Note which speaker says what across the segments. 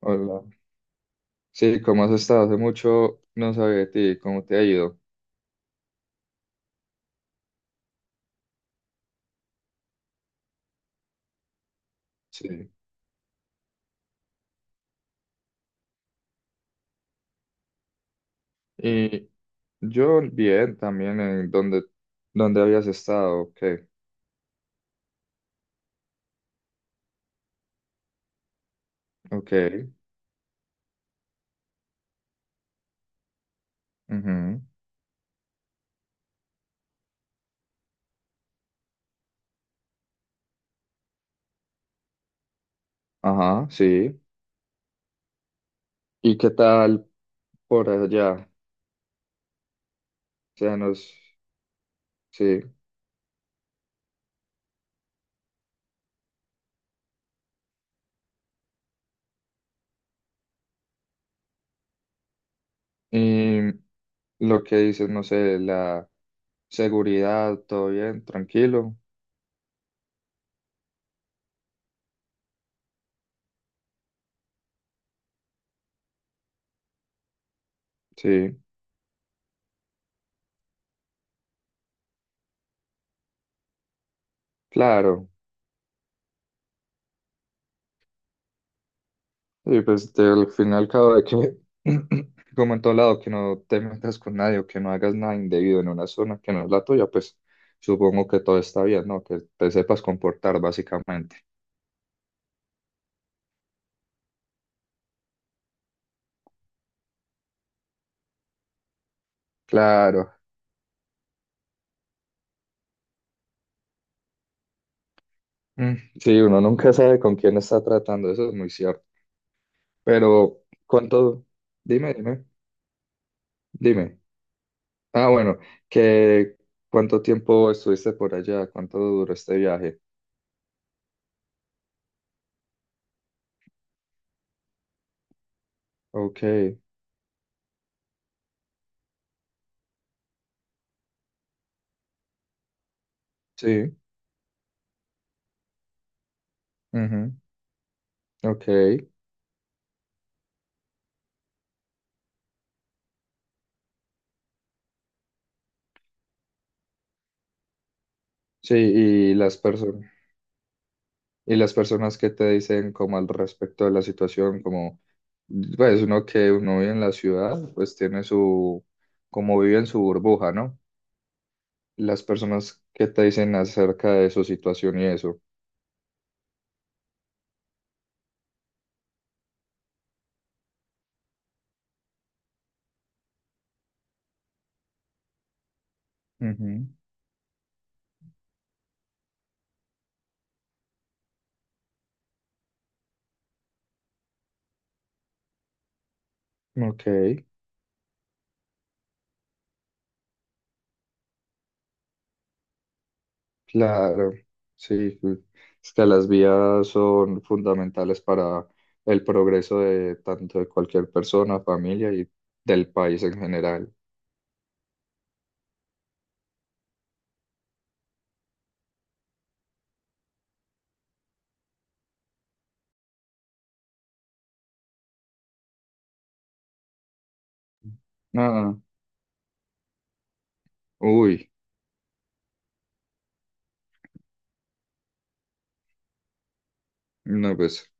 Speaker 1: Hola. Sí, ¿cómo has estado? Hace mucho no sabía de ti, ¿cómo te ha ido? Sí. Y yo bien también. ¿En donde, donde habías estado? Ok, ok, ujú, ajá, sí. ¿Y qué tal por allá? O sea, nos, sí. Y lo que dices, no sé, la seguridad, todo bien, tranquilo. Sí, claro. Al final cada vez que, como en todo lado, que no te metas con nadie o que no hagas nada indebido en una zona que no es la tuya, pues supongo que todo está bien, ¿no? Que te sepas comportar básicamente. Claro. Mm, Sí, uno nunca sabe con quién está tratando, eso es muy cierto. Pero, ¿cuánto? Dime, dime, dime. Ah, bueno, que ¿cuánto tiempo estuviste por allá? ¿Cuánto duró este viaje? Ok, sí, ujú, ok, sí, y las personas. Y las personas que te dicen como al respecto de la situación, como, pues uno que uno vive en la ciudad, pues tiene su, como vive en su burbuja, ¿no? Las personas que te dicen acerca de su situación y eso. Ujú, ok, claro, sí, pues, es que las vías son fundamentales para el progreso de tanto de cualquier persona, familia y del país en general. Ah, uy, no, pues,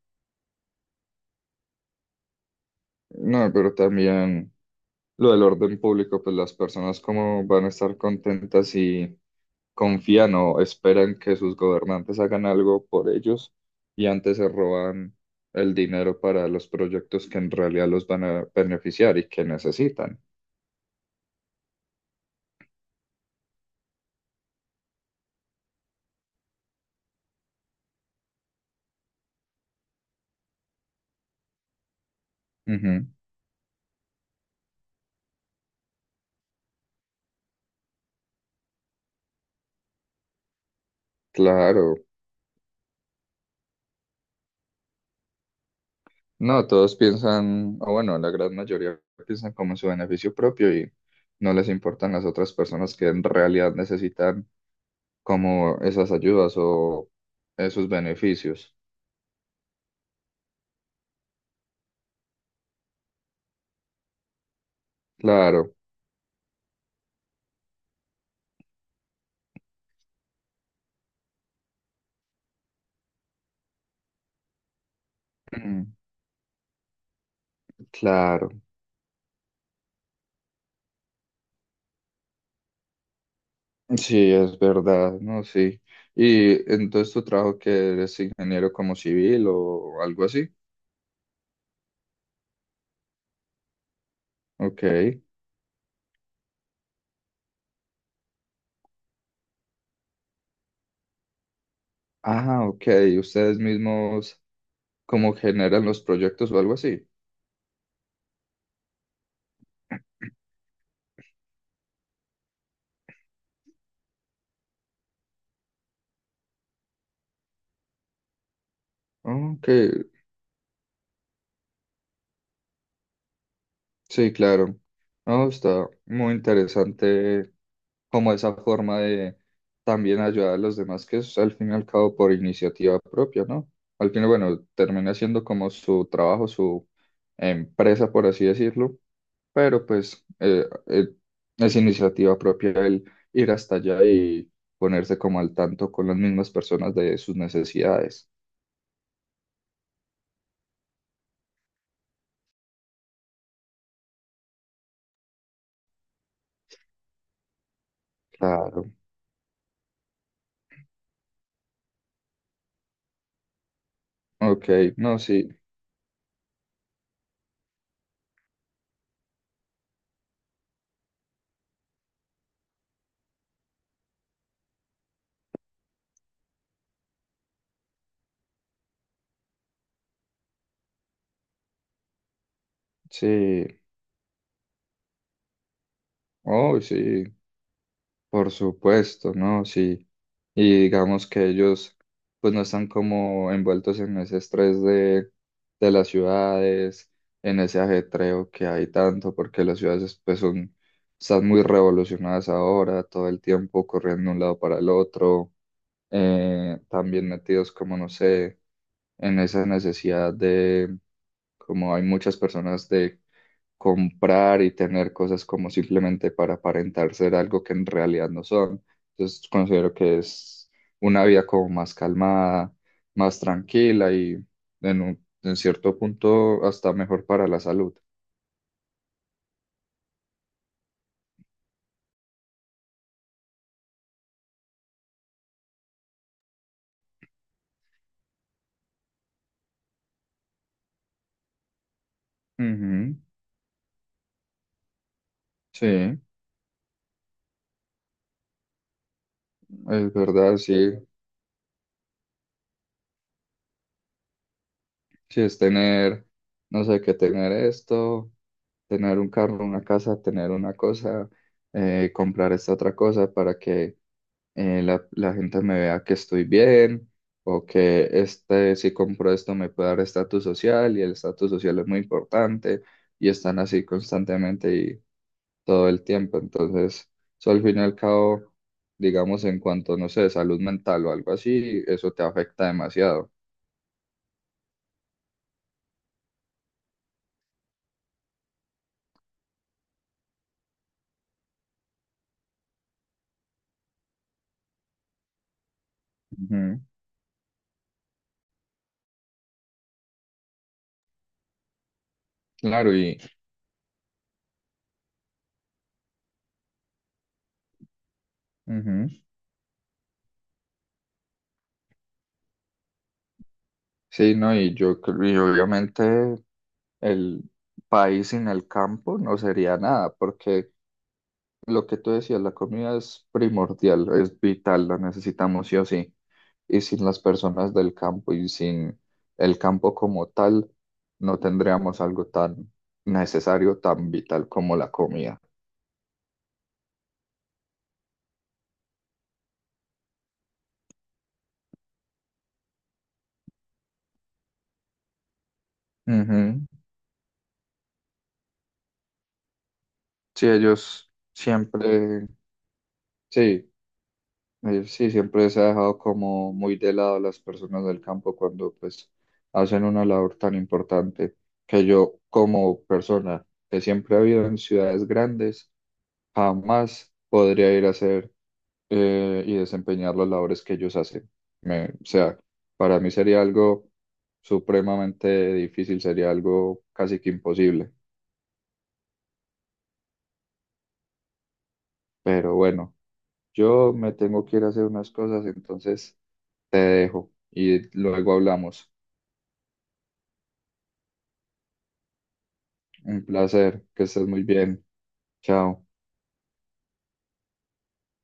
Speaker 1: no, pero también... Lo del orden público, pues las personas como van a estar contentas si confían o esperan que sus gobernantes hagan algo por ellos y antes se roban el dinero para los proyectos que en realidad los van a beneficiar y que necesitan. Ujú, claro. No, todos piensan, o bueno, la gran mayoría piensan como en su beneficio propio y no les importan las otras personas que en realidad necesitan como esas ayudas o esos beneficios. Claro. Claro, sí, es verdad, ¿no? Sí. Y entonces tu trabajo, que eres ingeniero como civil o algo así. Ok. Ah, ok. Ustedes mismos como generan los proyectos o algo así. Ok, sí, claro. No, está muy interesante como esa forma de también ayudar a los demás, que es al fin y al cabo por iniciativa propia, ¿no? Al final, bueno, termina siendo como su trabajo, su empresa, por así decirlo, pero pues es iniciativa propia el ir hasta allá y ponerse como al tanto con las mismas personas de sus necesidades. Claro, ok, no, sí, sí, oh, sí, por supuesto, ¿no? Sí. Y digamos que ellos pues no están como envueltos en ese estrés de las ciudades, en ese ajetreo que hay tanto, porque las ciudades pues son, están muy revolucionadas ahora, todo el tiempo corriendo de un lado para el otro, también metidos como, no sé, en esa necesidad de, como hay muchas personas de comprar y tener cosas como simplemente para aparentar ser algo que en realidad no son. Entonces considero que es una vida como más calmada, más tranquila y en un- en cierto punto hasta mejor para la salud. Ujú, sí, es verdad, sí. Sí, es tener, no sé, que tener esto, tener un carro, una casa, tener una cosa, comprar esta otra cosa para que la gente me vea que estoy bien o que este, si compro esto me puede dar estatus social, y el estatus social es muy importante y están así constantemente y todo el tiempo. Entonces, eso al fin y al cabo, digamos, en cuanto, no sé, salud mental o algo así, eso te afecta demasiado. Ujú, claro, y ujú. Sí, no, y yo creo, y obviamente el país sin el campo no sería nada, porque lo que tú decías, la comida es primordial, es vital, la necesitamos sí o sí. Y sin las personas del campo y sin el campo como tal, no tendríamos algo tan necesario, tan vital como la comida. Ujú. Sí, ellos siempre, sí, sí, siempre se ha dejado como muy de lado a las personas del campo cuando pues hacen una labor tan importante que yo, como persona que siempre ha vivido en ciudades grandes, jamás podría ir a hacer y desempeñar las labores que ellos hacen. Me- o sea, para mí sería algo supremamente difícil, sería algo casi que imposible. Pero bueno, yo me tengo que ir a hacer unas cosas, entonces te dejo y luego hablamos. Un placer, que estés muy bien. Chao.